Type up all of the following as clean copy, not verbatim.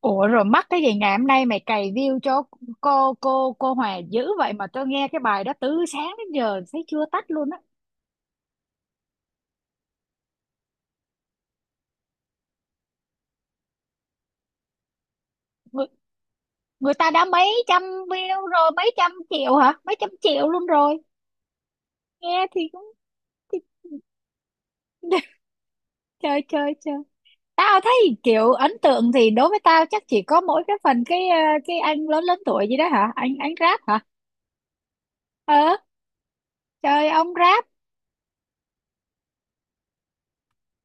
Ủa rồi mắc cái gì ngày hôm nay mày cày view cho cô Hòa dữ vậy mà tôi nghe cái bài đó từ sáng đến giờ thấy chưa tắt luôn á. Người, Người ta đã mấy trăm view rồi, mấy trăm triệu hả? Mấy trăm triệu luôn rồi. Nghe thì cũng thì... trời trời trời. Tao thấy kiểu ấn tượng thì đối với tao chắc chỉ có mỗi cái phần cái anh lớn lớn tuổi gì đó hả? Anh rap hả? Ờ, trời ông rap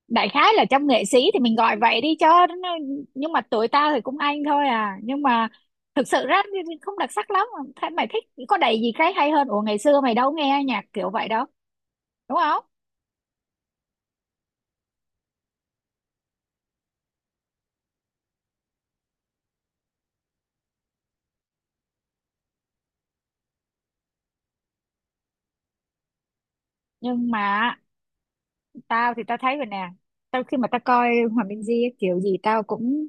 đại khái là trong nghệ sĩ thì mình gọi vậy đi cho nó- nhưng mà tuổi tao thì cũng anh thôi à, nhưng mà thực sự ra thì không đặc sắc lắm. Thế mày thích có đầy gì cái hay hơn, ủa ngày xưa mày đâu nghe nhạc kiểu vậy đâu đúng không? Nhưng mà tao thấy vậy nè, khi mà tao coi Hoàng Minh Di ấy, kiểu gì tao cũng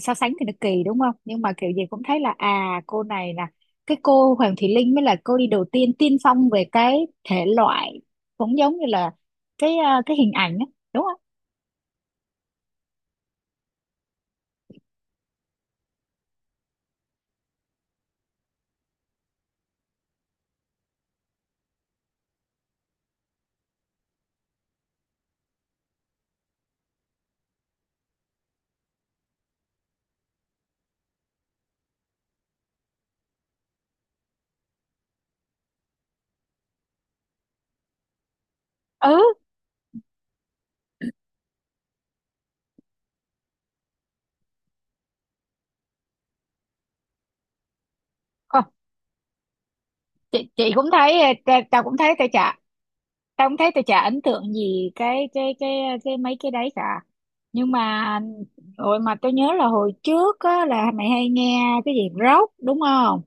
so sánh thì nó kỳ đúng không, nhưng mà kiểu gì cũng thấy là à cô này là cái cô Hoàng Thùy Linh mới là cô đi đầu tiên, tiên phong về cái thể loại, cũng giống như là cái hình ảnh á, đúng không? Ừ. Không, chị cũng thấy tao cũng thấy tao cũng thấy tao chả ấn tượng gì cái cái mấy cái đấy cả, nhưng mà rồi mà tôi nhớ là hồi trước á, là mày hay nghe cái gì rock đúng không?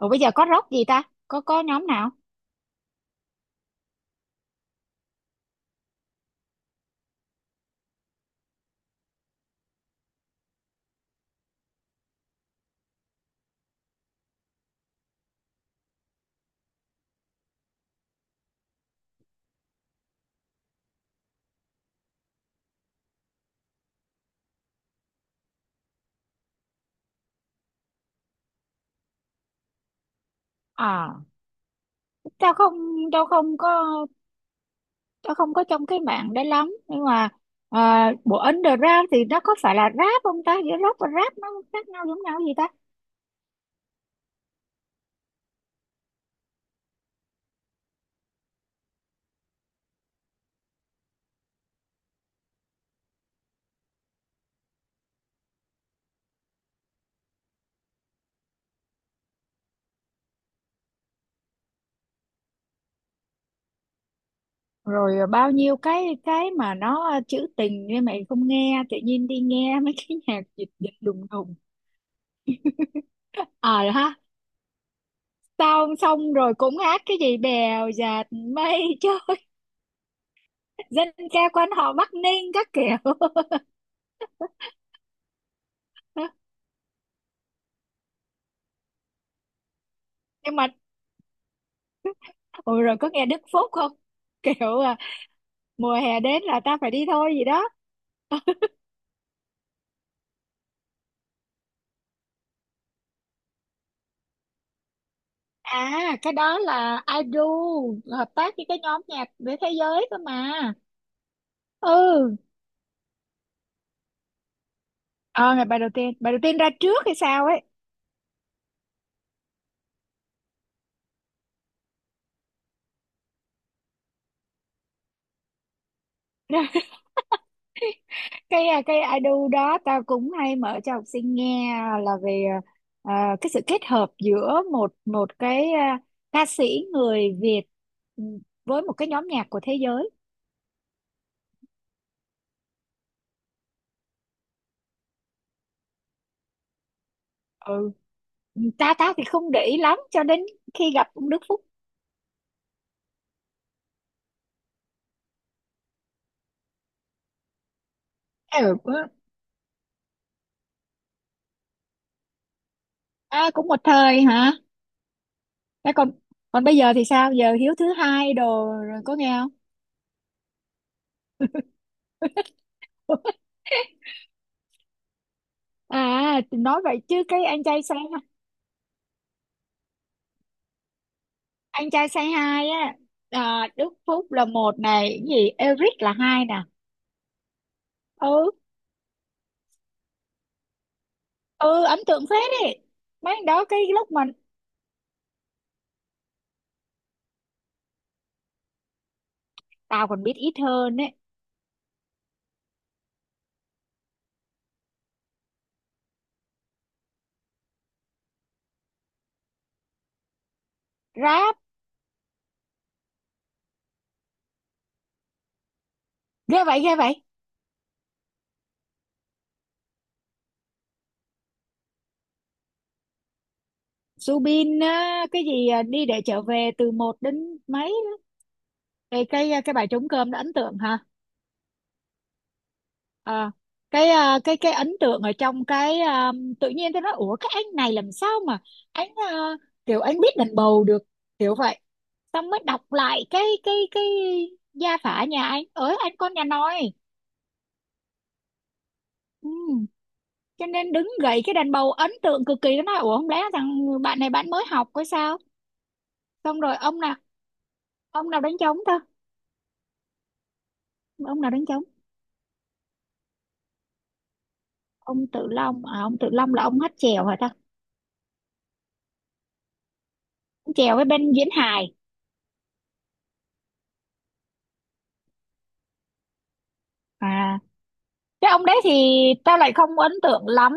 Rồi bây giờ có rock gì ta, có nhóm nào? À tao không tao không có, tao không có trong cái mạng đấy lắm nhưng mà bộ underground thì nó có phải là rap không ta, giữa rock và rap nó khác nhau giống nhau gì ta? Rồi à, bao nhiêu cái mà nó à, trữ tình nhưng mày không nghe, tự nhiên đi nghe mấy cái nhạc Việt Việt đùng đùng. Ờ à, ha, xong xong rồi cũng hát cái gì bèo dạt mây trôi, dân ca quan họ Bắc Ninh các kiểu. Nhưng mà ôi rồi có nghe Đức Phúc không? Kiểu à, mùa hè đến là ta phải đi thôi gì đó. À cái đó là IDU hợp tác với cái nhóm nhạc về thế giới cơ mà. Ừ, ờ ngày bài đầu tiên, bài đầu tiên ra trước hay sao ấy. Cái à, cái idol đó tao cũng hay mở cho học sinh nghe là về à, cái sự kết hợp giữa một một ca sĩ người Việt, ừ, với một cái nhóm nhạc của thế giới. Ừ, ta ta thì không để ý lắm cho đến khi gặp ông Đức Phúc. Ừ. À, cũng một thời hả? Thế còn, còn bây giờ thì sao, giờ Hiếu thứ hai đồ rồi có nghe không? À nói vậy chứ cái anh trai say, anh trai say hi á, à, Đức Phúc là một này, cái gì Eric là hai nè. Ừ. Ừ ấn tượng phết đấy. Mấy anh đó cái lúc mà tao còn biết ít hơn ấy. Rap ghê vậy, ghê vậy. Subin á, cái gì à, đi để trở về từ một đến mấy, cái cái bài trống cơm đó ấn tượng hả? Ờ. Cái ấn tượng ở trong tự nhiên tôi nói ủa cái anh này làm sao mà anh à, kiểu anh biết đàn bầu được kiểu vậy. Xong mới đọc lại cái gia phả nhà anh ở, anh con nhà nòi. Ừ. Cho nên đứng gậy cái đàn bầu ấn tượng cực kỳ, nó nói ủa không lẽ thằng bạn này bạn mới học hay sao? Xong rồi ông nào, ông nào đánh trống ta, ông nào đánh trống? Ông Tự Long à, ông Tự Long là ông hát chèo hả ta? Ông chèo với bên diễn hài. À cái ông đấy thì tao lại không ấn tượng lắm.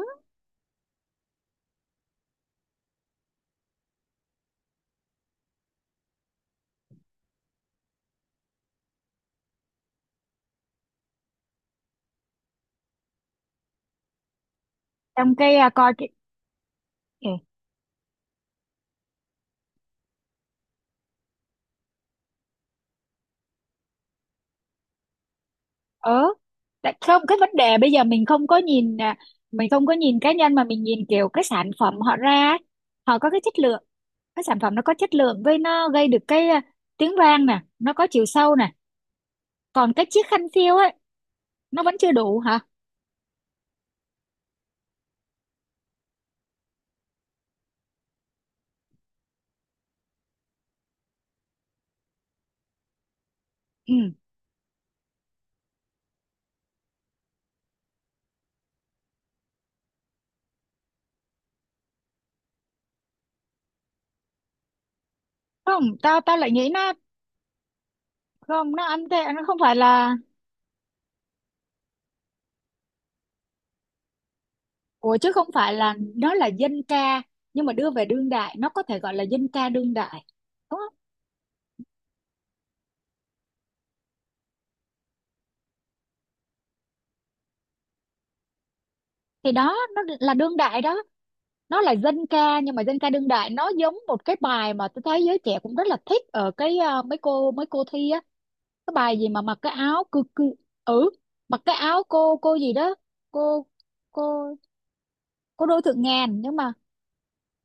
Trong cái à, coi cái, ừ, ờ tại không cái vấn đề bây giờ mình không có nhìn à, mình không có nhìn cá nhân mà mình nhìn kiểu cái sản phẩm họ ra ấy. Họ có cái chất lượng, cái sản phẩm nó có chất lượng với nó gây được tiếng vang nè, nó có chiều sâu nè. Còn cái chiếc khăn phiêu ấy nó vẫn chưa đủ hả? Ừ. Không tao tao lại nghĩ nó không, nó ăn thế nó không phải là, ủa chứ không phải là nó là dân ca nhưng mà đưa về đương đại, nó có thể gọi là dân ca đương đại. Đúng. Thì đó nó là đương đại đó. Nó là dân ca nhưng mà dân ca đương đại, nó giống một cái bài mà tôi thấy giới trẻ cũng rất là thích ở cái ờ, mấy cô thi á. Cái bài gì mà mặc cái áo cư cư. Ừ, mặc cái áo cô gì đó, cô cô cô đôi thượng ngàn. Nhưng mà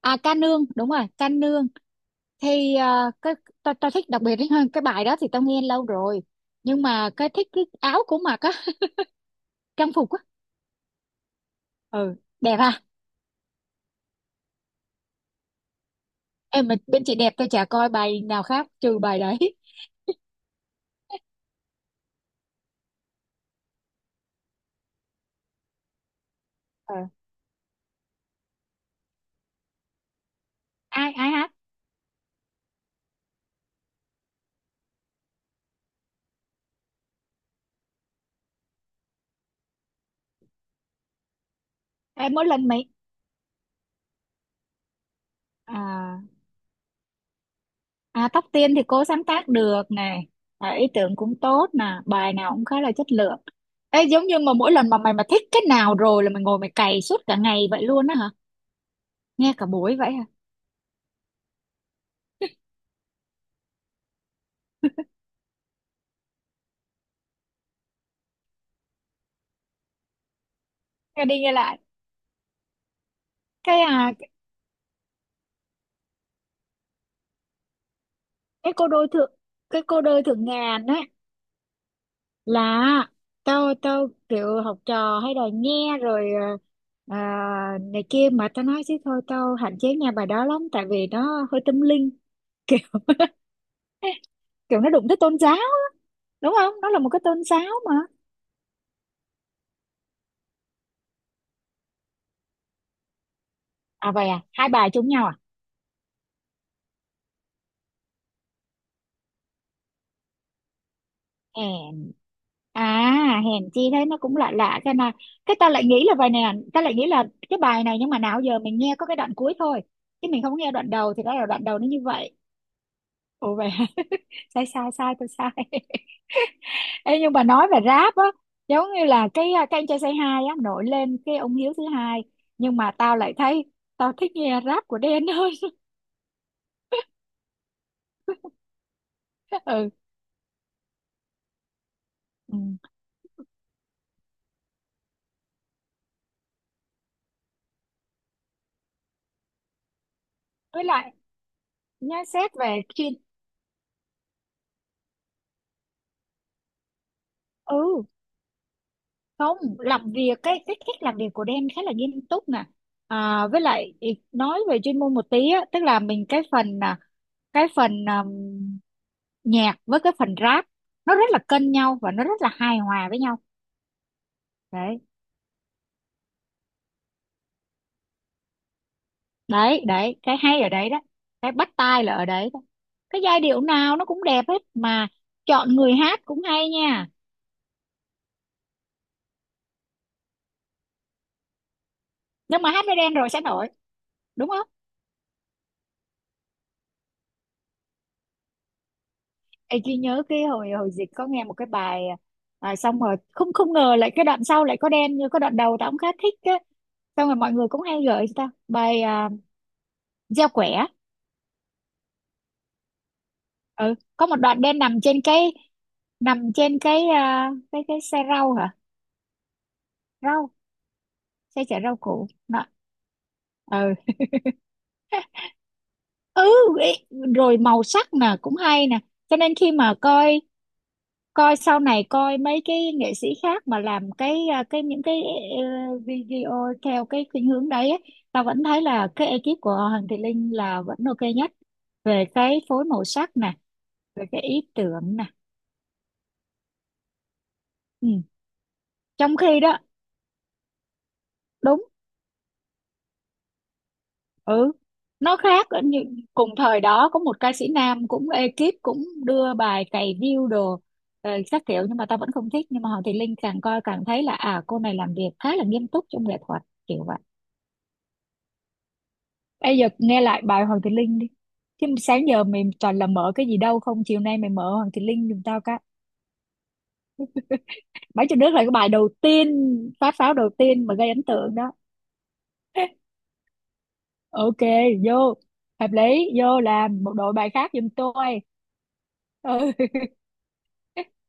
à ca nương, đúng rồi ca nương. Thì ờ, cái tao tao thích đặc biệt ấy, hơn cái bài đó thì tao nghe lâu rồi nhưng mà cái thích cái áo của mặc á, trang phục á. Ừ đẹp ha. Em mà bên chị đẹp tôi chả coi bài nào khác trừ bài đấy. Ờ, ai ai hát? Em mỗi lần mấy à, à Tóc Tiên thì cô sáng tác được này, à, ý tưởng cũng tốt nè, bài nào cũng khá là chất lượng. Ê, giống như mà mỗi lần mà mày mà thích cái nào rồi là mày ngồi mày cày suốt cả ngày vậy luôn á hả? Nghe cả buổi vậy hả? Nghe đi nghe lại. Cái à, cái cô đôi thượng, cái cô đôi thượng ngàn á, là tao tao kiểu học trò hay đòi nghe rồi à, này kia mà tao nói chứ thôi tao hạn chế nghe bài đó lắm tại vì nó hơi tâm linh kiểu kiểu nó đụng tới tôn giáo, đúng không, nó là một cái tôn giáo mà. À vậy à, hai bài chung nhau à? Hèn, à hèn chi thế nó cũng lạ lạ cái này. Cái ta lại nghĩ là bài này là- ta lại nghĩ là cái bài này, nhưng mà nào giờ mình nghe có cái đoạn cuối thôi chứ mình không nghe đoạn đầu, thì đó là đoạn đầu nó như vậy. Ồ vậy à? sai sai sai tôi sai. Ê, nhưng mà nói về rap á, giống như là cái à, cái anh trai say hi á, nổi lên cái ông Hiếu thứ hai, nhưng mà tao lại thấy tao thích nghe rap của Đen hơn. Ừ. Ừ. Với lại nhá xét về chuyên, ừ không làm việc, cái cách làm việc của Dan khá là nghiêm túc nè. À, với lại ý- nói về chuyên môn một tí á, tức là mình cái phần à, nhạc với cái phần rap, nó rất là cân nhau và nó rất là hài hòa với nhau. Đấy đấy đấy cái hay ở đấy đó, cái bắt tai là ở đấy đó, cái giai điệu nào nó cũng đẹp hết mà. Chọn người hát cũng hay nha. Nhưng mà hát với Dan rồi sẽ nổi, đúng không? Ê, Duy nhớ cái hồi hồi dịch có nghe một cái bài à, xong rồi không, không ngờ lại cái đoạn sau lại có đen như cái đoạn đầu tao cũng khá thích á. Xong rồi mọi người cũng hay gửi cho tao bài à, gieo quẻ. Ừ có một đoạn đen nằm trên cái, nằm trên cái à, cái xe rau hả, rau, xe chở rau củ đó. Ừ. Ừ, ý, rồi màu sắc nè cũng hay nè. Cho nên khi mà coi, coi sau này coi mấy cái nghệ sĩ khác mà làm cái à, cái những cái ờ, video theo cái khuynh hướng đấy ấy, tao vẫn thấy là cái ekip của Hoàng Thị Linh là vẫn ok nhất về cái phối màu sắc nè, về cái ý tưởng nè. Ừ. Trong khi đó, đúng, ừ nó khác ở như cùng thời đó có một ca sĩ nam cũng ekip cũng đưa bài cày view đồ ờ, các kiểu, nhưng mà tao vẫn không thích, nhưng mà Hoàng Thị Linh càng coi càng thấy là à cô này làm việc khá là nghiêm túc trong nghệ thuật kiểu vậy. Bây giờ nghe lại bài Hoàng Thị Linh đi. Chứ sáng giờ mày toàn là mở cái gì đâu không? Chiều nay mày mở Hoàng Thị Linh giùm tao cái. Bãi trên nước là cái bài đầu tiên, phát pháo đầu tiên mà gây ấn tượng đó. Ok, vô. Hợp lý, vô làm một đội bài khác giùm tôi. Ừ.